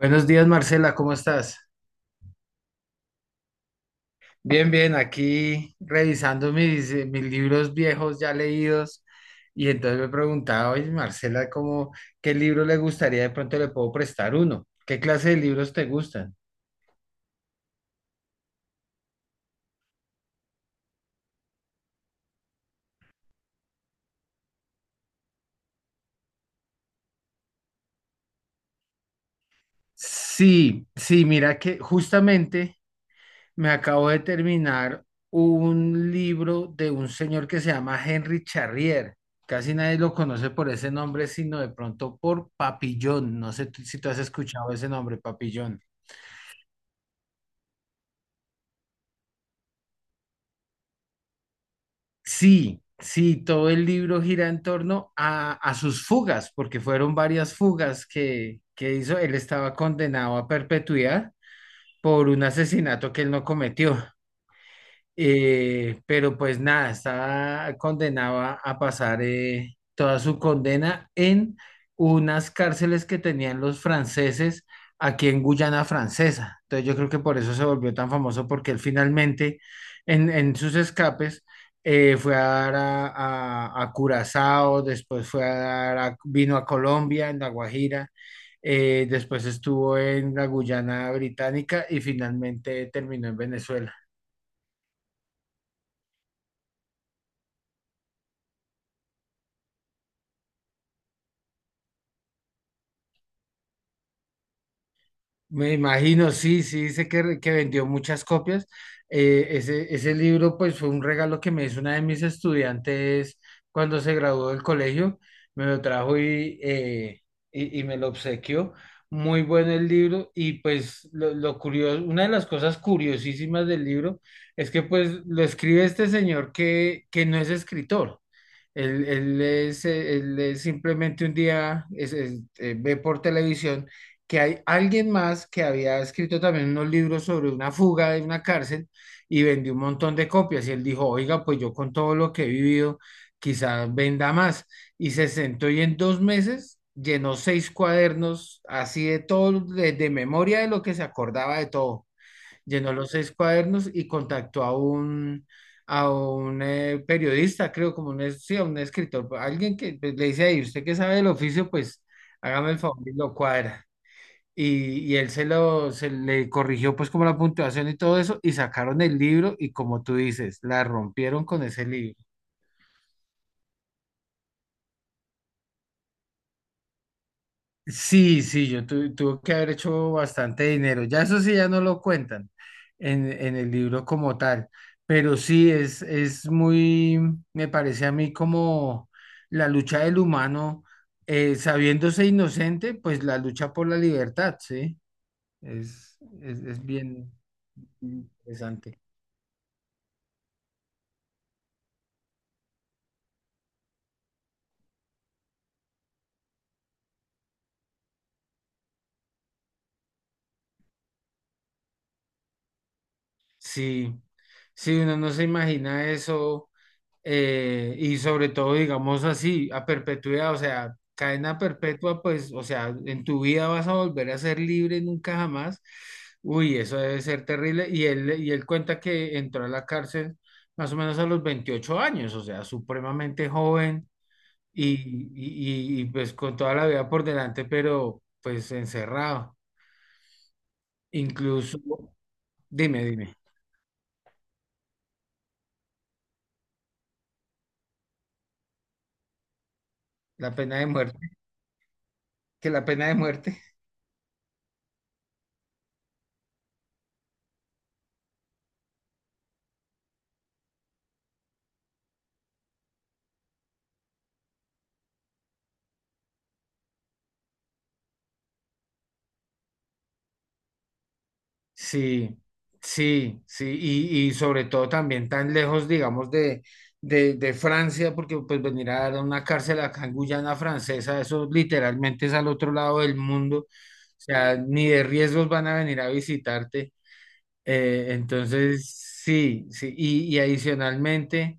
Buenos días, Marcela, ¿cómo estás? Bien, bien, aquí revisando mis libros viejos ya leídos. Y entonces me preguntaba: oye, Marcela, ¿qué libro le gustaría? De pronto le puedo prestar uno. ¿Qué clase de libros te gustan? Sí, sí, mira que justamente me acabo de terminar un libro de un señor que se llama Henry Charrier. Casi nadie lo conoce por ese nombre, sino de pronto por Papillón. No sé si tú has escuchado ese nombre, Papillón. Sí, sí, todo el libro gira en torno a sus fugas, porque fueron varias fugas que hizo. Él estaba condenado a perpetuidad por un asesinato que él no cometió. Pero pues nada, estaba condenado a pasar, toda su condena en unas cárceles que tenían los franceses aquí en Guyana Francesa. Entonces yo creo que por eso se volvió tan famoso, porque él finalmente, en sus escapes, fue a dar a Curazao; después fue a dar a- vino a Colombia, en La Guajira. Después estuvo en la Guyana Británica y finalmente terminó en Venezuela. Me imagino, sí, sí, dice que, que vendió muchas copias. Ese libro pues fue un regalo que me hizo una de mis estudiantes cuando se graduó del colegio. Me lo trajo y me lo obsequió. Muy bueno el libro, y pues lo curioso, una de las cosas curiosísimas del libro es que pues lo escribe este señor que no es escritor. Él es simplemente un día, ve por televisión que hay alguien más que había escrito también unos libros sobre una fuga de una cárcel y vendió un montón de copias. Y él dijo: oiga, pues yo, con todo lo que he vivido, quizás venda más. Y se sentó, y en 2 meses llenó seis cuadernos así de todo, de memoria, de lo que se acordaba de todo. Llenó los seis cuadernos y contactó a un periodista, creo, como un, sí, a un escritor, alguien que, pues, le dice ahí: usted que sabe del oficio, pues hágame el favor y lo cuadra. Y él se le corrigió pues como la puntuación y todo eso, y sacaron el libro y, como tú dices, la rompieron con ese libro. Sí, sí, yo tuve que haber hecho bastante dinero. Ya eso sí, ya no lo cuentan en el libro como tal, pero sí es, muy, me parece a mí, como la lucha del humano, sabiéndose inocente, pues la lucha por la libertad, ¿sí? Es bien interesante. Sí, sí, uno no se imagina eso, y sobre todo, digamos así, a perpetuidad, o sea, cadena perpetua, pues, o sea, en tu vida vas a volver a ser libre nunca jamás. Uy, eso debe ser terrible. Y él cuenta que entró a la cárcel más o menos a los 28 años, o sea, supremamente joven, y pues, con toda la vida por delante, pero pues encerrado. Incluso, dime, dime, la pena de muerte, que la pena de muerte. Sí, sí, sí, y sobre todo también tan lejos, digamos, de Francia, porque pues venir a dar a una cárcel acá en Guyana Francesa, eso literalmente es al otro lado del mundo, o sea, ni de riesgos van a venir a visitarte. Entonces, sí, sí, y adicionalmente,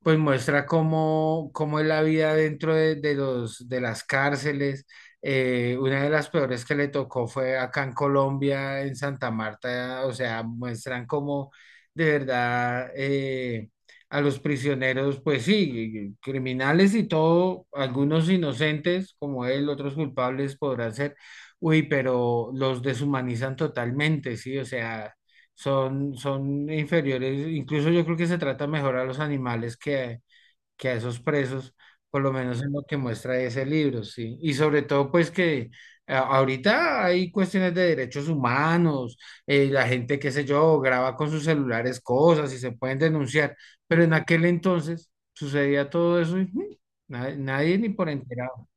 pues muestra cómo es la vida dentro de las cárceles. Una de las peores que le tocó fue acá en Colombia, en Santa Marta, o sea, muestran cómo, de verdad, a los prisioneros, pues sí, criminales y todo, algunos inocentes como él, otros culpables podrán ser, uy, pero los deshumanizan totalmente, sí, o sea, son inferiores. Incluso yo creo que se trata mejor a los animales que a esos presos, por lo menos en lo que muestra ese libro, sí. Y sobre todo, pues que, ahorita, hay cuestiones de derechos humanos. La gente, qué sé yo, graba con sus celulares cosas y se pueden denunciar, pero en aquel entonces sucedía todo eso, y nadie ni por enterado.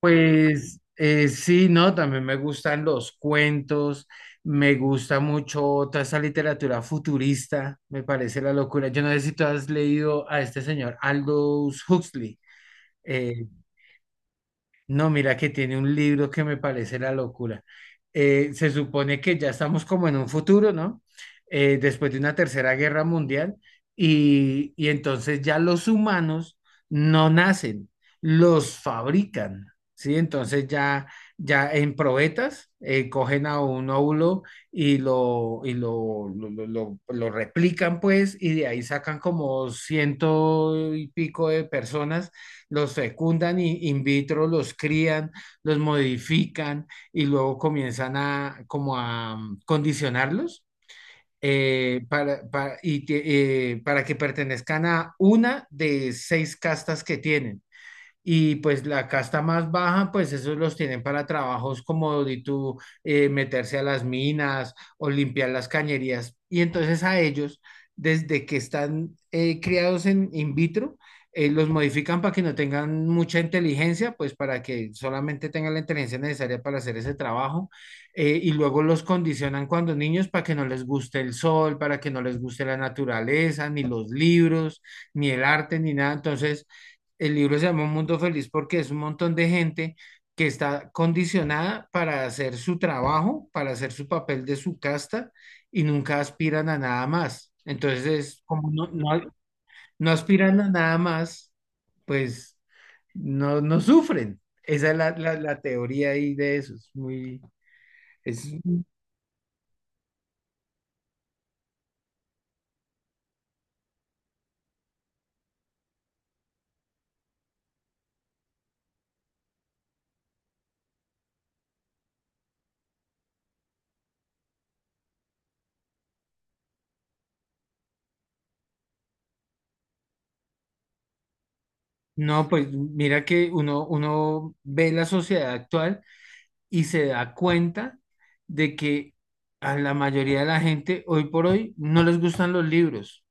Pues, sí, no, también me gustan los cuentos, me gusta mucho toda esa literatura futurista, me parece la locura. Yo no sé si tú has leído a este señor Aldous Huxley. eh, no, mira que tiene un libro que me parece la locura. Se supone que ya estamos como en un futuro, ¿no? Después de una tercera guerra mundial, y entonces ya los humanos no nacen, los fabrican, ¿sí? Entonces ya, ya en probetas, cogen a un óvulo y lo replican pues, y de ahí sacan como ciento y pico de personas, los fecundan in vitro, los crían, los modifican y luego comienzan a como a mm, condicionarlos, eh, para, para, y para que pertenezcan a una de seis castas que tienen. Y pues la casta más baja, pues esos los tienen para trabajos como de tú, meterse a las minas o limpiar las cañerías. Y entonces a ellos, desde que están, criados en in vitro, los modifican para que no tengan mucha inteligencia, pues para que solamente tengan la inteligencia necesaria para hacer ese trabajo. Y luego los condicionan cuando niños para que no les guste el sol, para que no les guste la naturaleza, ni los libros, ni el arte, ni nada. Entonces el libro se llama Un Mundo Feliz, porque es un montón de gente que está condicionada para hacer su trabajo, para hacer su papel de su casta, y nunca aspiran a nada más. Entonces, como no aspiran a nada más, pues no sufren. Esa es la teoría ahí de eso. Es, no, pues mira que uno ve la sociedad actual y se da cuenta de que a la mayoría de la gente hoy por hoy no les gustan los libros.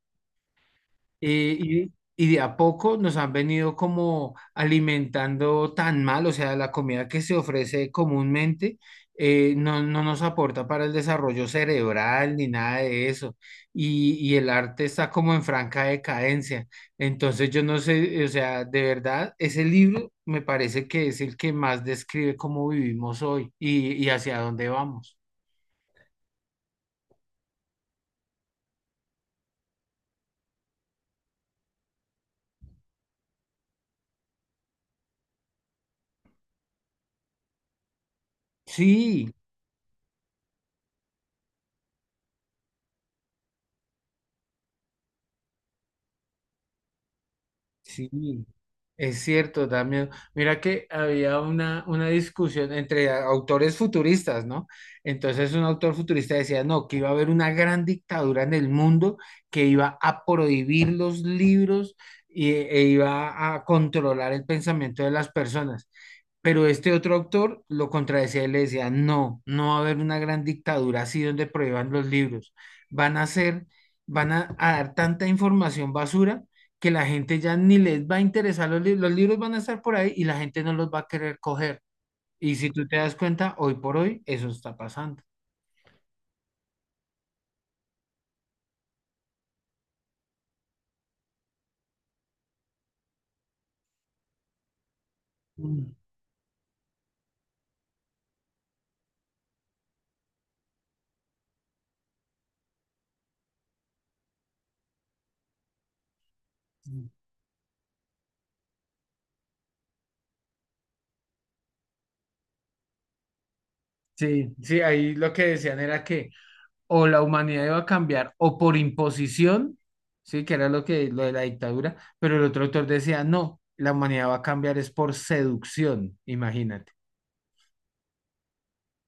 Y de a poco nos han venido como alimentando tan mal, o sea, la comida que se ofrece comúnmente, no nos aporta para el desarrollo cerebral ni nada de eso. Y el arte está como en franca decadencia. Entonces yo no sé, o sea, de verdad, ese libro me parece que es el que más describe cómo vivimos hoy y hacia dónde vamos. Sí, sí. Es cierto, también. Mira que había una discusión entre autores futuristas, ¿no? Entonces un autor futurista decía: no, que iba a haber una gran dictadura en el mundo que iba a prohibir los libros e iba a controlar el pensamiento de las personas. Pero este otro autor lo contradecía y le decía: no, no va a haber una gran dictadura así donde prohíban los libros. Van a ser, van a dar tanta información basura, que la gente ya ni les va a interesar los libros; los libros van a estar por ahí y la gente no los va a querer coger. Y si tú te das cuenta, hoy por hoy eso está pasando. Mm, mm. Sí, sí, ahí lo que decían era que o la humanidad iba a cambiar o por imposición, sí, que era lo que, lo de la dictadura, pero el otro autor decía: no, la humanidad va a cambiar es por seducción, imagínate.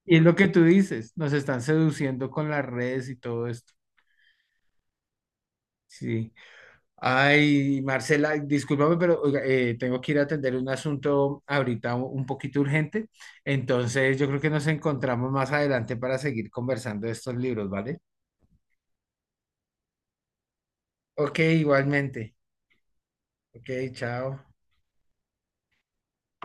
Y es lo que tú dices, nos están seduciendo con las redes y todo esto. Sí. Ay, Marcela, discúlpame, pero oiga, tengo que ir a atender un asunto ahorita, un poquito urgente. Entonces, yo creo que nos encontramos más adelante para seguir conversando de estos libros, ¿vale? Ok, igualmente. Ok, chao.